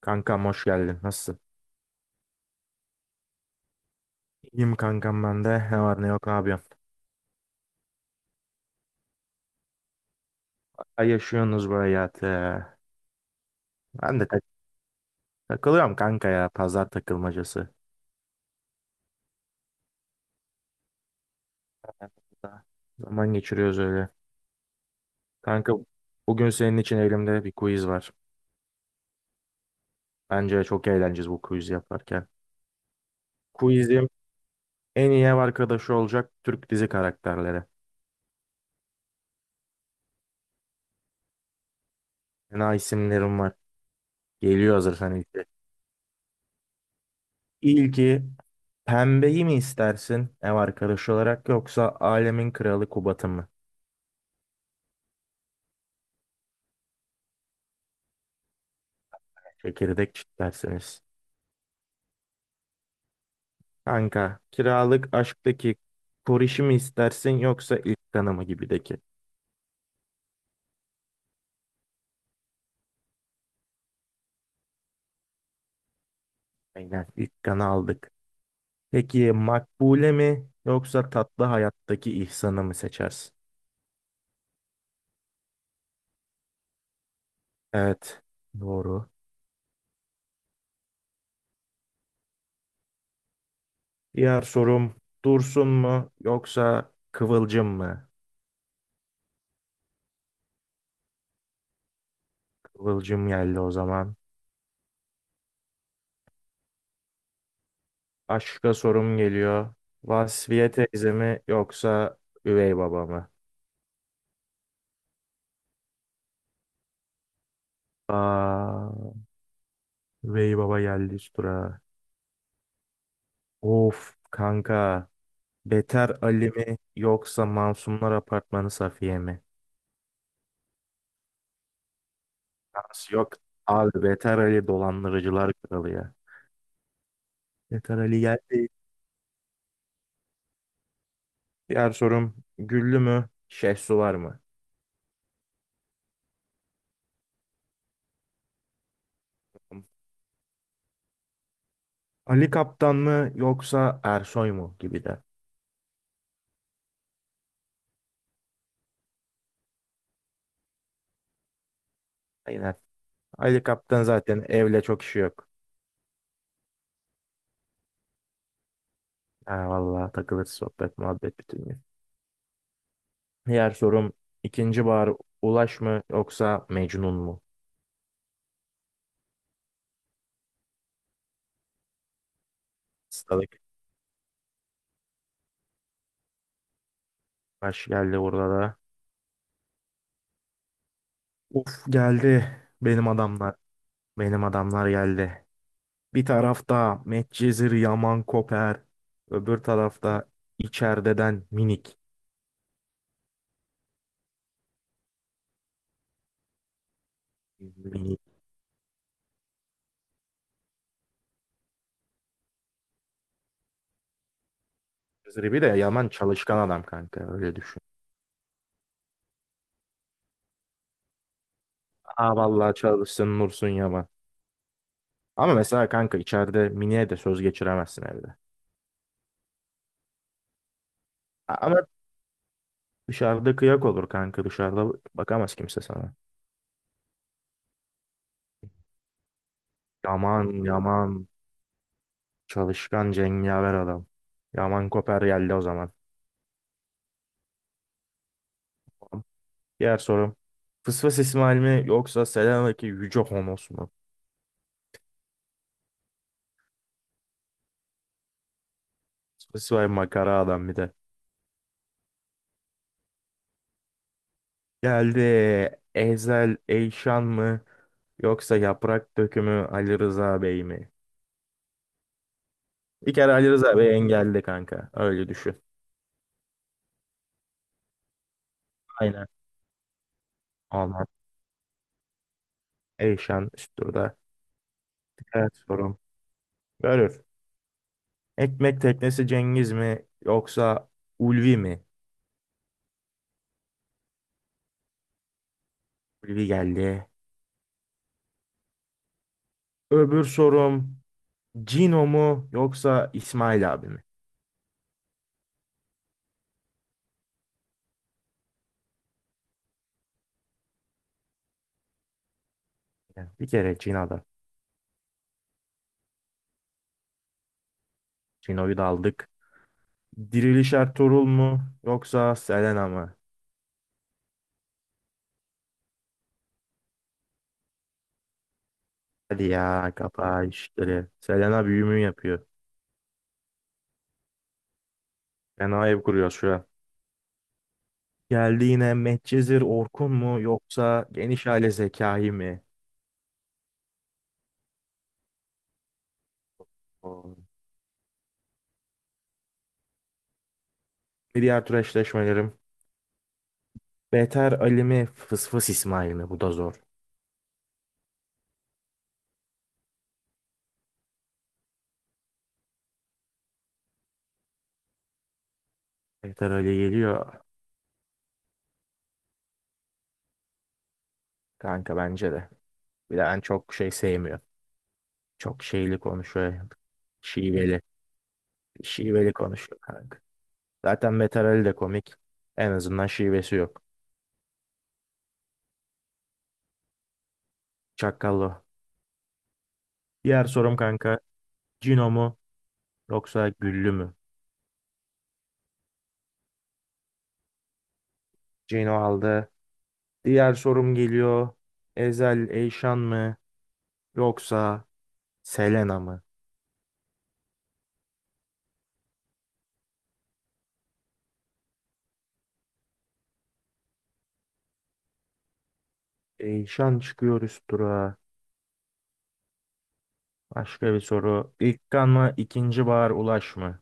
Kankam hoş geldin. Nasılsın? İyiyim kankam ben de. Ne var ne yok ne yapıyorsun? Ay yaşıyorsunuz bu hayatı. Ben de tak- Takılıyorum kanka ya. Pazar takılmacası. Hayatımda zaman geçiriyoruz öyle. Kanka, bugün senin için elimde bir quiz var. Bence çok eğleneceğiz bu quiz yaparken. Quizim en iyi ev arkadaşı olacak Türk dizi karakterleri. Fena isimlerim var. Geliyor hazırsan ilki. İlki, pembeyi mi istersin ev arkadaşı olarak yoksa alemin kralı Kubat'ı mı? Çekirdek çitlersiniz. Kanka, kiralık aşktaki korişi mi istersin yoksa ilk kanı mı gibideki? Aynen, ilk kanı aldık. Peki makbule mi yoksa tatlı hayattaki ihsanı mı seçersin? Evet, doğru. Diğer sorum, dursun mu yoksa kıvılcım mı? Kıvılcım geldi o zaman. Aşka sorum geliyor. Vasfiye teyze mi yoksa üvey baba mı? Aa, üvey baba geldi üst durağa. Of kanka. Beter Ali mi yoksa Masumlar Apartmanı Safiye mi? Şans yok abi, Beter Ali dolandırıcılar kralı ya. Beter Ali geldi. Diğer sorum, Güllü mü? Şehsu var mı? Ali Kaptan mı yoksa Ersoy mu gibi de. Aynen. Ali Kaptan zaten evle çok işi yok. Ha, vallahi takılır sohbet muhabbet bütün gün. Diğer sorum, ikinci bahar Ulaş mı yoksa Mecnun mu? Stalık baş geldi burada. Of, geldi benim adamlar. Benim adamlar geldi. Bir tarafta Medcezir Yaman Koper. Öbür tarafta içerideden Minik. Minik. Medcezir bir de Yaman çalışkan adam kanka, öyle düşün. Aa vallahi çalışsın Nursun Yaman. Ama mesela kanka içeride Minik'e de söz geçiremezsin evde. Ama dışarıda kıyak olur kanka, dışarıda bakamaz kimse sana. Yaman çalışkan cengaver adam. Yaman Koper geldi o zaman. Diğer sorum. Fısfas İsmail mi yoksa Selanik'e Yüce Honos mu? Fısfas İsmail makara adam bir de. Geldi. Ezel Eyşan mı yoksa Yaprak Dökümü Ali Rıza Bey mi? Bir kere Ali Rıza Bey engelli kanka. Öyle düşün. Aynen. Aman. Eyşan üst turda. Diğer sorum. Görür. Ekmek teknesi Cengiz mi yoksa Ulvi mi? Ulvi geldi. Öbür sorum, Cino mu yoksa İsmail abi mi? Yani bir kere Cino'da. Shino'yu da aldık. Diriliş Ertuğrul mu yoksa Selena mı? Hadi ya, kapa işleri. Selena büyümü yapıyor. Fena ev kuruyor şu an. Geldi yine, Medcezir Orkun mu yoksa geniş aile Zekai mi? Oo. Bir diğer tur eşleşmelerim. Beter Ali mi Fısfıs İsmail mi? Bu da zor. Beter Ali geliyor kanka, bence de. Bir de Ben çok şey sevmiyor. Çok şeyli konuşuyor. Şiveli. Şiveli konuşuyor kanka. Zaten Metarel de komik. En azından şivesi yok. Çakallı. Diğer sorum kanka. Cino mu yoksa Güllü mü? Cino aldı. Diğer sorum geliyor. Ezel Eyşan mı yoksa Selena mı? Eyşan çıkıyor üst durağa. Başka bir soru. İlkan mı ikinci Bahar Ulaş mı?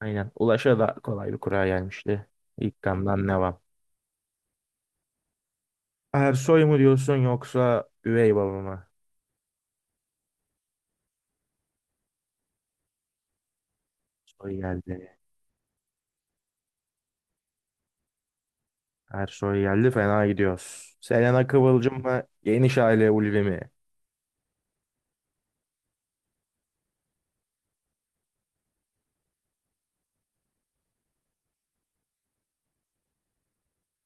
Aynen. Ulaş'a da kolay bir kura gelmişti. İlkan'dan devam. Ersoy mu diyorsun yoksa üvey baba mı? Soy geldi. Ersoy geldi, fena gidiyoruz. Selena Kıvılcım mı? Geniş aile Ulvi mi?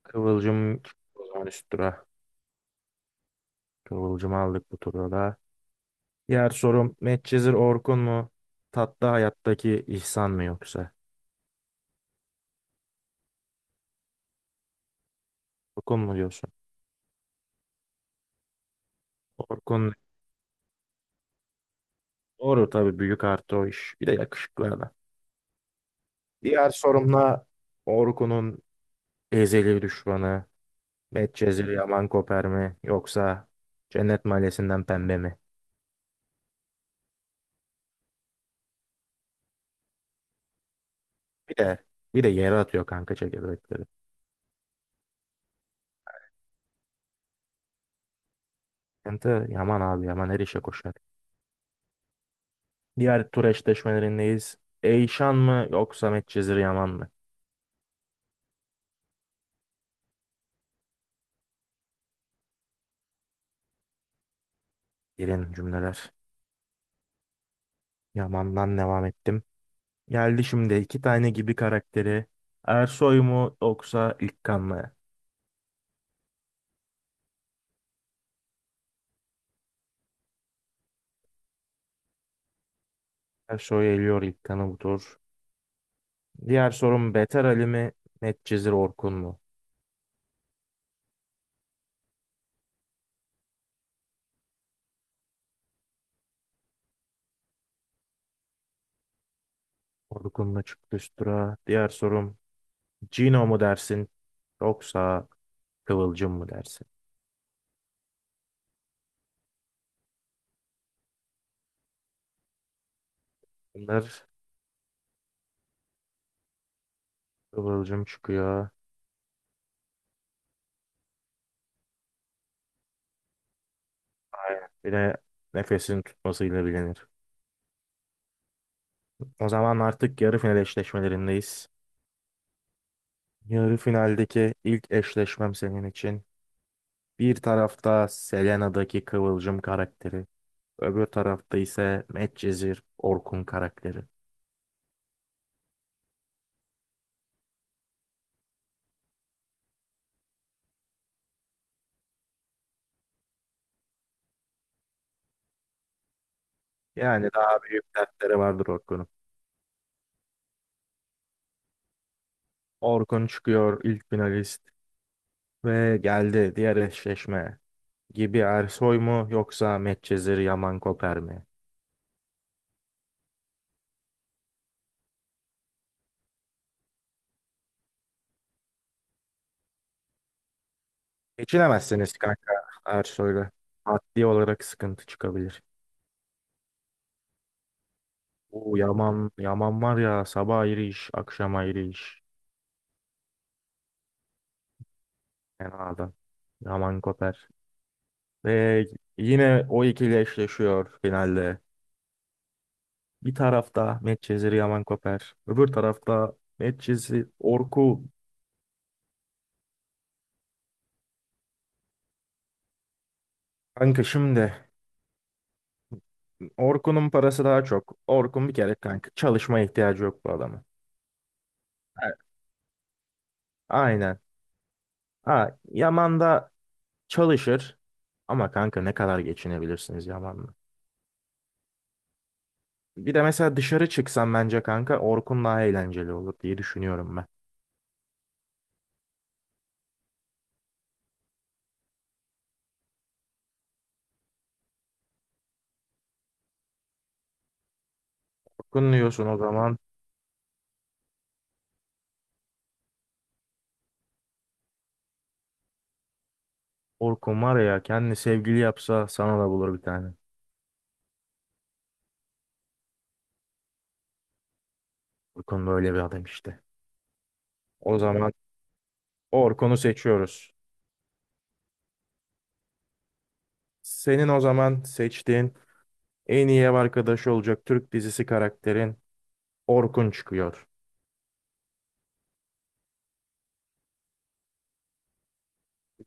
Kıvılcım o zaman üst tura. Kıvılcım'ı aldık bu turda da. Diğer sorum, Medcezir Orkun mu? Tatlı Hayat'taki İhsan mı yoksa? Orkun mu diyorsun? Orkun doğru tabii, büyük artı o iş. Bir de yakışıklı adam. Diğer sorumla Orkun'un ezeli düşmanı Medcezir Yaman Koper mi? Yoksa Cennet Mahallesi'nden Pembe mi? Bir de bir de yere atıyor kanka çekirdekleri. Kente Yaman abi, Yaman her işe koşar. Diğer tur eşleşmelerindeyiz. Eyşan mı yoksa Medcezir Yaman mı? Gelin cümleler. Yaman'dan devam ettim. Geldi şimdi iki tane gibi karakteri. Ersoy mu yoksa İlkan mı? Ersoy eliyor İlkan'ı bu tur. Diğer sorum, Beter Ali mi Medcezir Orkun mu? Orkun'la çıktı üst tura. Diğer sorum, Cino mu dersin yoksa Kıvılcım mı dersin? Bunlar Kıvılcım çıkıyor. Aynen. Bir de nefesini tutmasıyla bilinir. O zaman artık yarı final eşleşmelerindeyiz. Yarı finaldeki ilk eşleşmem senin için. Bir tarafta Selena'daki Kıvılcım karakteri. Öbür tarafta ise Medcezir Orkun karakteri. Yani daha büyük dertleri vardır Orkun'un. Orkun çıkıyor ilk finalist ve geldi diğer eşleşme. Gibi Ersoy mu yoksa Medcezir Yaman Koper mi? Geçinemezsiniz kanka Ersoy'la. Maddi olarak sıkıntı çıkabilir. O Yaman var ya, sabah ayrı iş, akşam ayrı iş. Fena adam. Yaman Koper. Ve yine o ikili eşleşiyor finalde. Bir tarafta Medcezir Yaman Koper. Öbür tarafta Medcezir Orku. Kanka şimdi Orkun'un parası daha çok. Orkun bir kere kanka, çalışmaya ihtiyacı yok bu adamın. A- Aynen. Ha, Yaman da çalışır. Ama kanka ne kadar geçinebilirsiniz Yaman'la? Bir de mesela dışarı çıksan bence kanka Orkun daha eğlenceli olur diye düşünüyorum ben. Orkun diyorsun o zaman. Orkun var ya, kendi sevgili yapsa sana da bulur bir tane. Orkun böyle bir adam işte. O zaman Orkun'u seçiyoruz. Senin o zaman seçtiğin en iyi ev arkadaşı olacak Türk dizisi karakterin Orkun çıkıyor.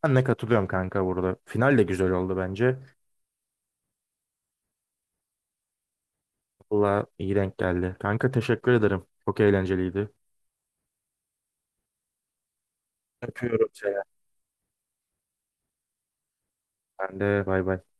Ben de katılıyorum kanka burada. Final de güzel oldu bence. Valla iyi denk geldi. Kanka teşekkür ederim. Çok eğlenceliydi. Öpüyorum seni. Ben de bay bay.